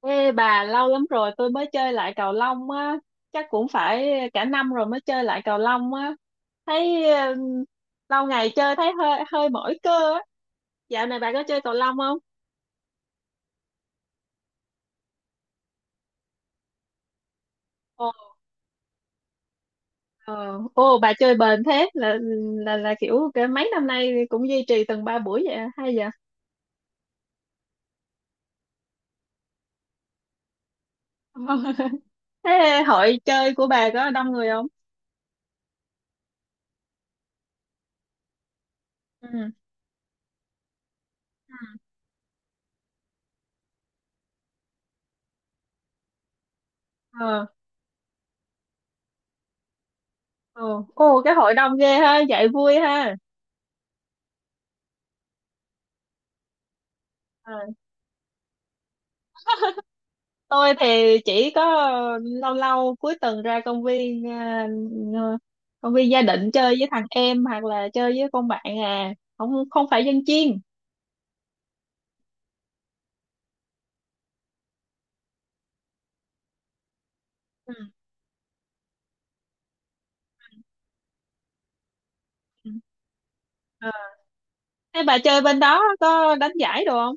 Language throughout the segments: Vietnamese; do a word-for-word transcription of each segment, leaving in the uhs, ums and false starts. Ê bà, lâu lắm rồi tôi mới chơi lại cầu lông á. Chắc cũng phải cả năm rồi mới chơi lại cầu lông á. Thấy ừ, lâu ngày chơi thấy hơi hơi mỏi cơ á. Dạo này bà có chơi cầu lông không? Ồ. ờ, Ồ, bà chơi bền thế. Là là là kiểu cái mấy năm nay cũng duy trì từng ba buổi vậy à? Hay vậy. Thế hội chơi của bà có đông người không? Ừ. Ờ. Ờ. Ồ. Ồ, cái hội đông ghê ha, vậy vui ha. Tôi thì chỉ có ờ, lâu lâu cuối tuần ra công viên à, công viên Gia Định chơi với thằng em hoặc là chơi với con bạn à. Không, không phải dân chuyên. Ừ. Ừ. Ờ. Thế bà chơi bên đó có đánh giải đồ không?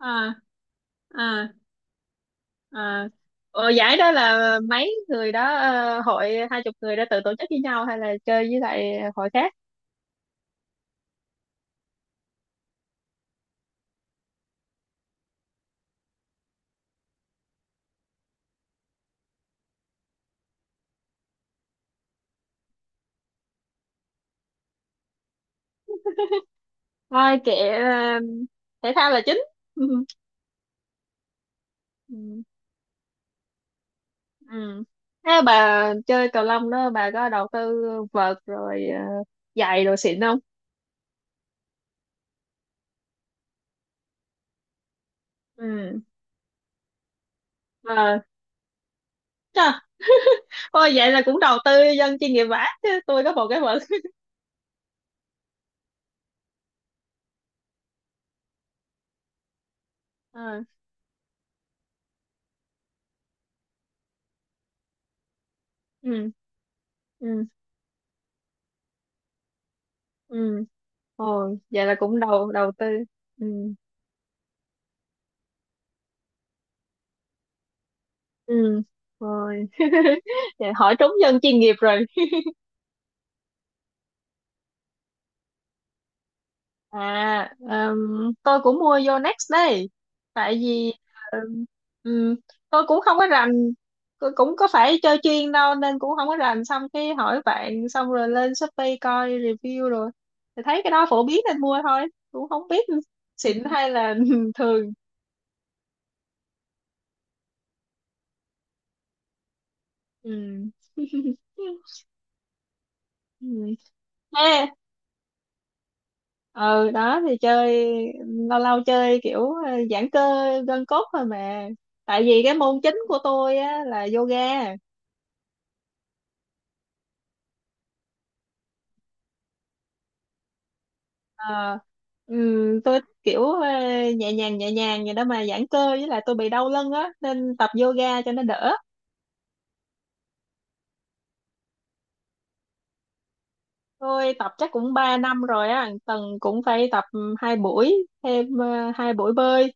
À. À. À. Ồ, giải đó là mấy người đó ờ, hội hai chục người đã tự tổ chức với nhau hay là chơi với lại hội khác? Thôi kệ, ờ, thể thao là chính. Ừ. Thế bà chơi cầu lông đó bà có đầu tư vợt rồi ờ, giày đồ xịn không? Ừ. Ờ. Trời, ôi vậy là cũng đầu tư dân chuyên nghiệp vả, chứ tôi có một cái vợt. Ờ. Ừ. Ừ. Ừ. Ôi, vậy là cũng đầu đầu tư. Ừ. Ừ. Rồi vậy hỏi trúng dân chuyên nghiệp rồi. À, ừm, tôi cũng mua vô Next đây. Tại vì ừm, ừm, tôi cũng không có rành, cô- cũng có phải chơi chuyên đâu nên cũng không có rành. Xong cái hỏi bạn, xong rồi lên Shopee coi review rồi. Thì thấy cái đó phổ biến nên mua thôi. Cũng không biết xịn hay là thường. Ừm. Ừm. Ha, ừ đó thì chơi lâu lâu chơi kiểu ờ, giãn cơ gân cốt thôi mà. Tại vì cái môn chính của tôi á là yoga. Ờ, ừm, tôi kiểu ờ, nhẹ nhàng nhẹ nhàng vậy đó mà giãn cơ, với lại tôi bị đau lưng á nên tập yoga cho nó đỡ. Tôi tập chắc cũng ba năm rồi á, tuần cũng phải tập hai buổi, thêm ờ, hai buổi bơi.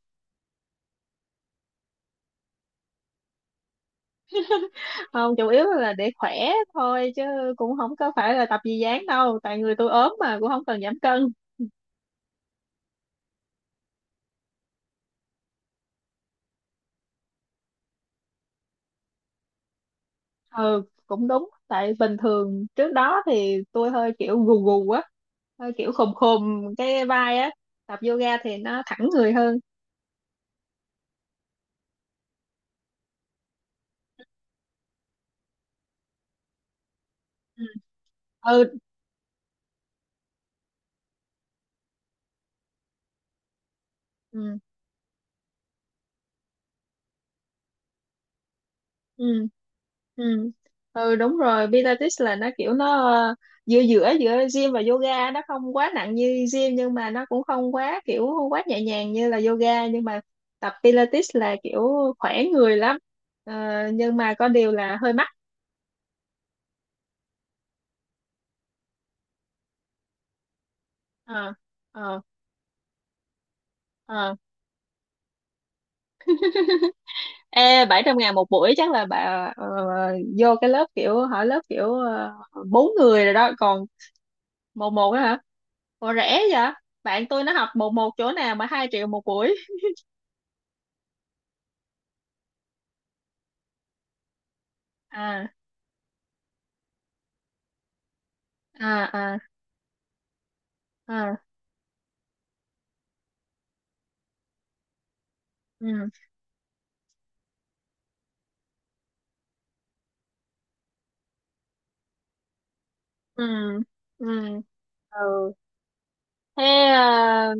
Không, chủ yếu là để khỏe thôi chứ cũng không có phải là tập gì dáng đâu, tại người tôi ốm mà cũng không cần giảm cân. Ừ, cũng đúng, tại bình thường trước đó thì tôi hơi kiểu gù gù á, hơi kiểu khùm khùm cái vai á, tập yoga thì nó thẳng người hơn. Ừ. Ừ. Ừ. Ừ. Ừ đúng rồi, Pilates là nó kiểu nó ờ, giữa giữa giữa gym và yoga, nó không quá nặng như gym nhưng mà nó cũng không quá kiểu không quá nhẹ nhàng như là yoga, nhưng mà tập Pilates là kiểu khỏe người lắm. Ờ, nhưng mà có điều là hơi mắc. Ờ. Ờ. Ờ. Ê, bảy trăm ngàn một buổi chắc là bà ờ, vô cái lớp kiểu hỏi lớp kiểu ờ, bốn người rồi đó còn một một á hả? Ủa, rẻ vậy? Bạn tôi nó học một một chỗ nào mà hai triệu một buổi. À. À. À. À. Ừ. Ừ. Ừ. Ừ. Thế à,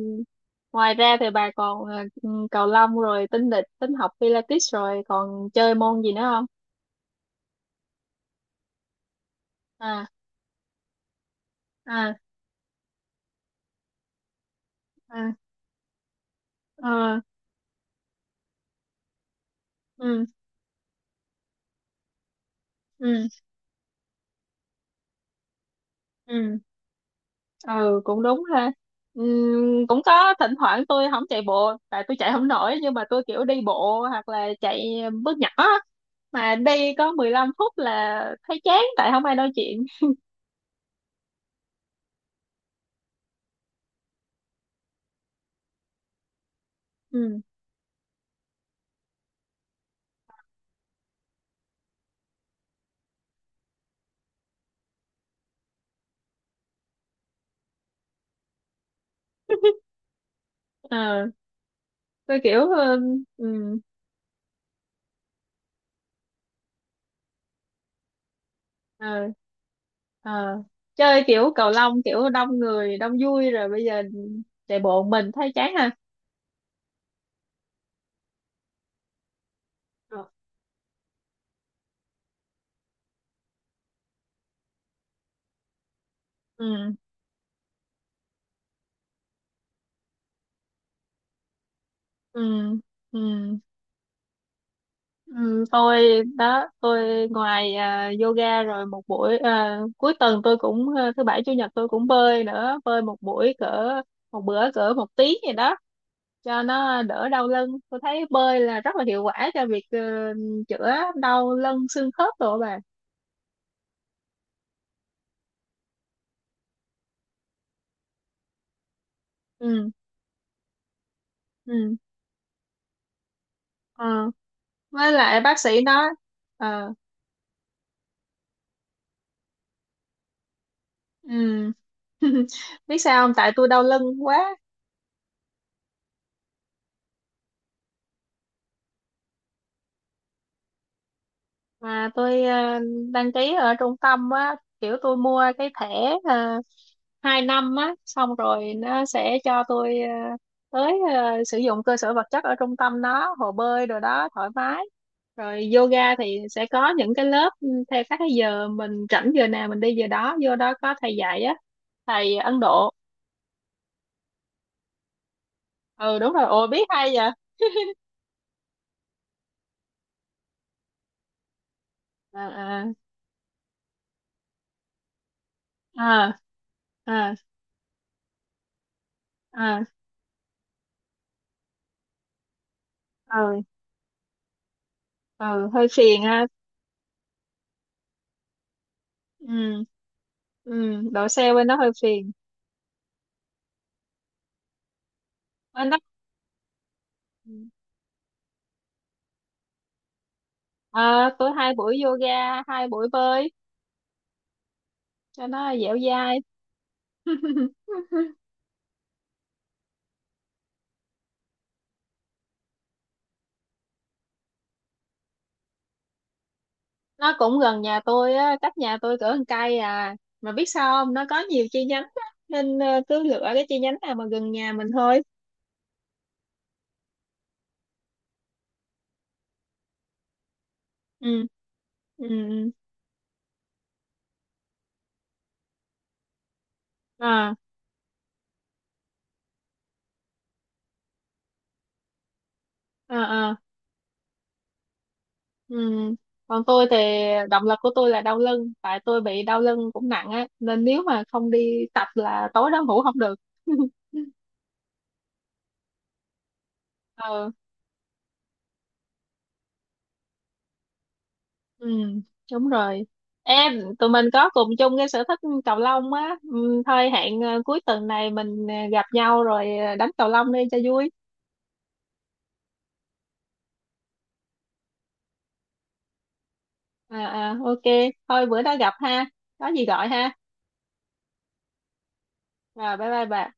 ngoài ra thì bà còn à, cầu lông rồi tính địch tính học Pilates rồi còn chơi môn gì nữa không? À. À. À. Ờ. Ừ. Ừ. Ừ. Ừ cũng đúng ha. Ừ, cũng có thỉnh thoảng tôi không chạy bộ tại tôi chạy không nổi, nhưng mà tôi kiểu đi bộ hoặc là chạy bước nhỏ á. Mà đi có mười lăm phút là thấy chán tại không ai nói chuyện. Ừ. Ờ. Tôi kiểu uh, ừ, ờ, ờ. Chơi kiểu cầu lông kiểu đông người đông vui, rồi bây giờ chạy bộ một mình thấy chán ha. Ờ. Ừ. Ừ. Ừ. Ừ tôi đó, tôi ngoài à, yoga, rồi một buổi à, cuối tuần tôi cũng à, thứ bảy chủ nhật tôi cũng bơi nữa, bơi một buổi cỡ một bữa cỡ một tiếng gì đó cho nó đỡ đau lưng. Tôi thấy bơi là rất là hiệu quả cho việc ờ, chữa đau lưng xương khớp rồi bà. Ừ. Ừ. Ờ, với lại bác sĩ nói. Ờ. Ừm. Biết sao không, tại tôi đau lưng quá. Mà tôi ờ, đăng ký ở trung tâm á, kiểu tôi mua cái thẻ uh, hai năm á, xong rồi nó sẽ cho tôi ờ, tới ờ, sử dụng cơ sở vật chất ở trung tâm đó, hồ bơi đồ đó thoải mái, rồi yoga thì sẽ có những cái lớp theo các cái giờ mình rảnh, giờ nào mình đi giờ đó, vô đó có thầy dạy á, thầy Ấn Độ. Ừ, đúng rồi. Ồ, biết hay vậy. Ờ. Ờ. À. À. À. Ừ. Ừ hơi phiền ha. Ừ. Ừ đổ xe bên đó hơi phiền. Bên đó. À, tôi hai buổi yoga, hai buổi bơi cho nó dẻo dai. Nó cũng gần nhà tôi á, cách nhà tôi cỡ một cây à. Mà biết sao không, nó có nhiều chi nhánh á, nên ờ, cứ lựa cái chi nhánh nào mà gần nhà mình thôi. Ừ. Ừ. Ừ. À. À. À. Ừ. Còn tôi thì động lực của tôi là đau lưng, tại tôi bị đau lưng cũng nặng á, nên nếu mà không đi tập là tối đó ngủ không được. Ừ. Ừ. Đúng rồi em, tụi mình có cùng chung cái sở thích cầu lông á. Ừ, thôi hẹn ờ, cuối tuần này mình ờ, gặp nhau rồi ờ, đánh cầu lông đi cho vui. À, à ok, thôi bữa đó gặp ha, có gì gọi ha. Rồi bye bye bà.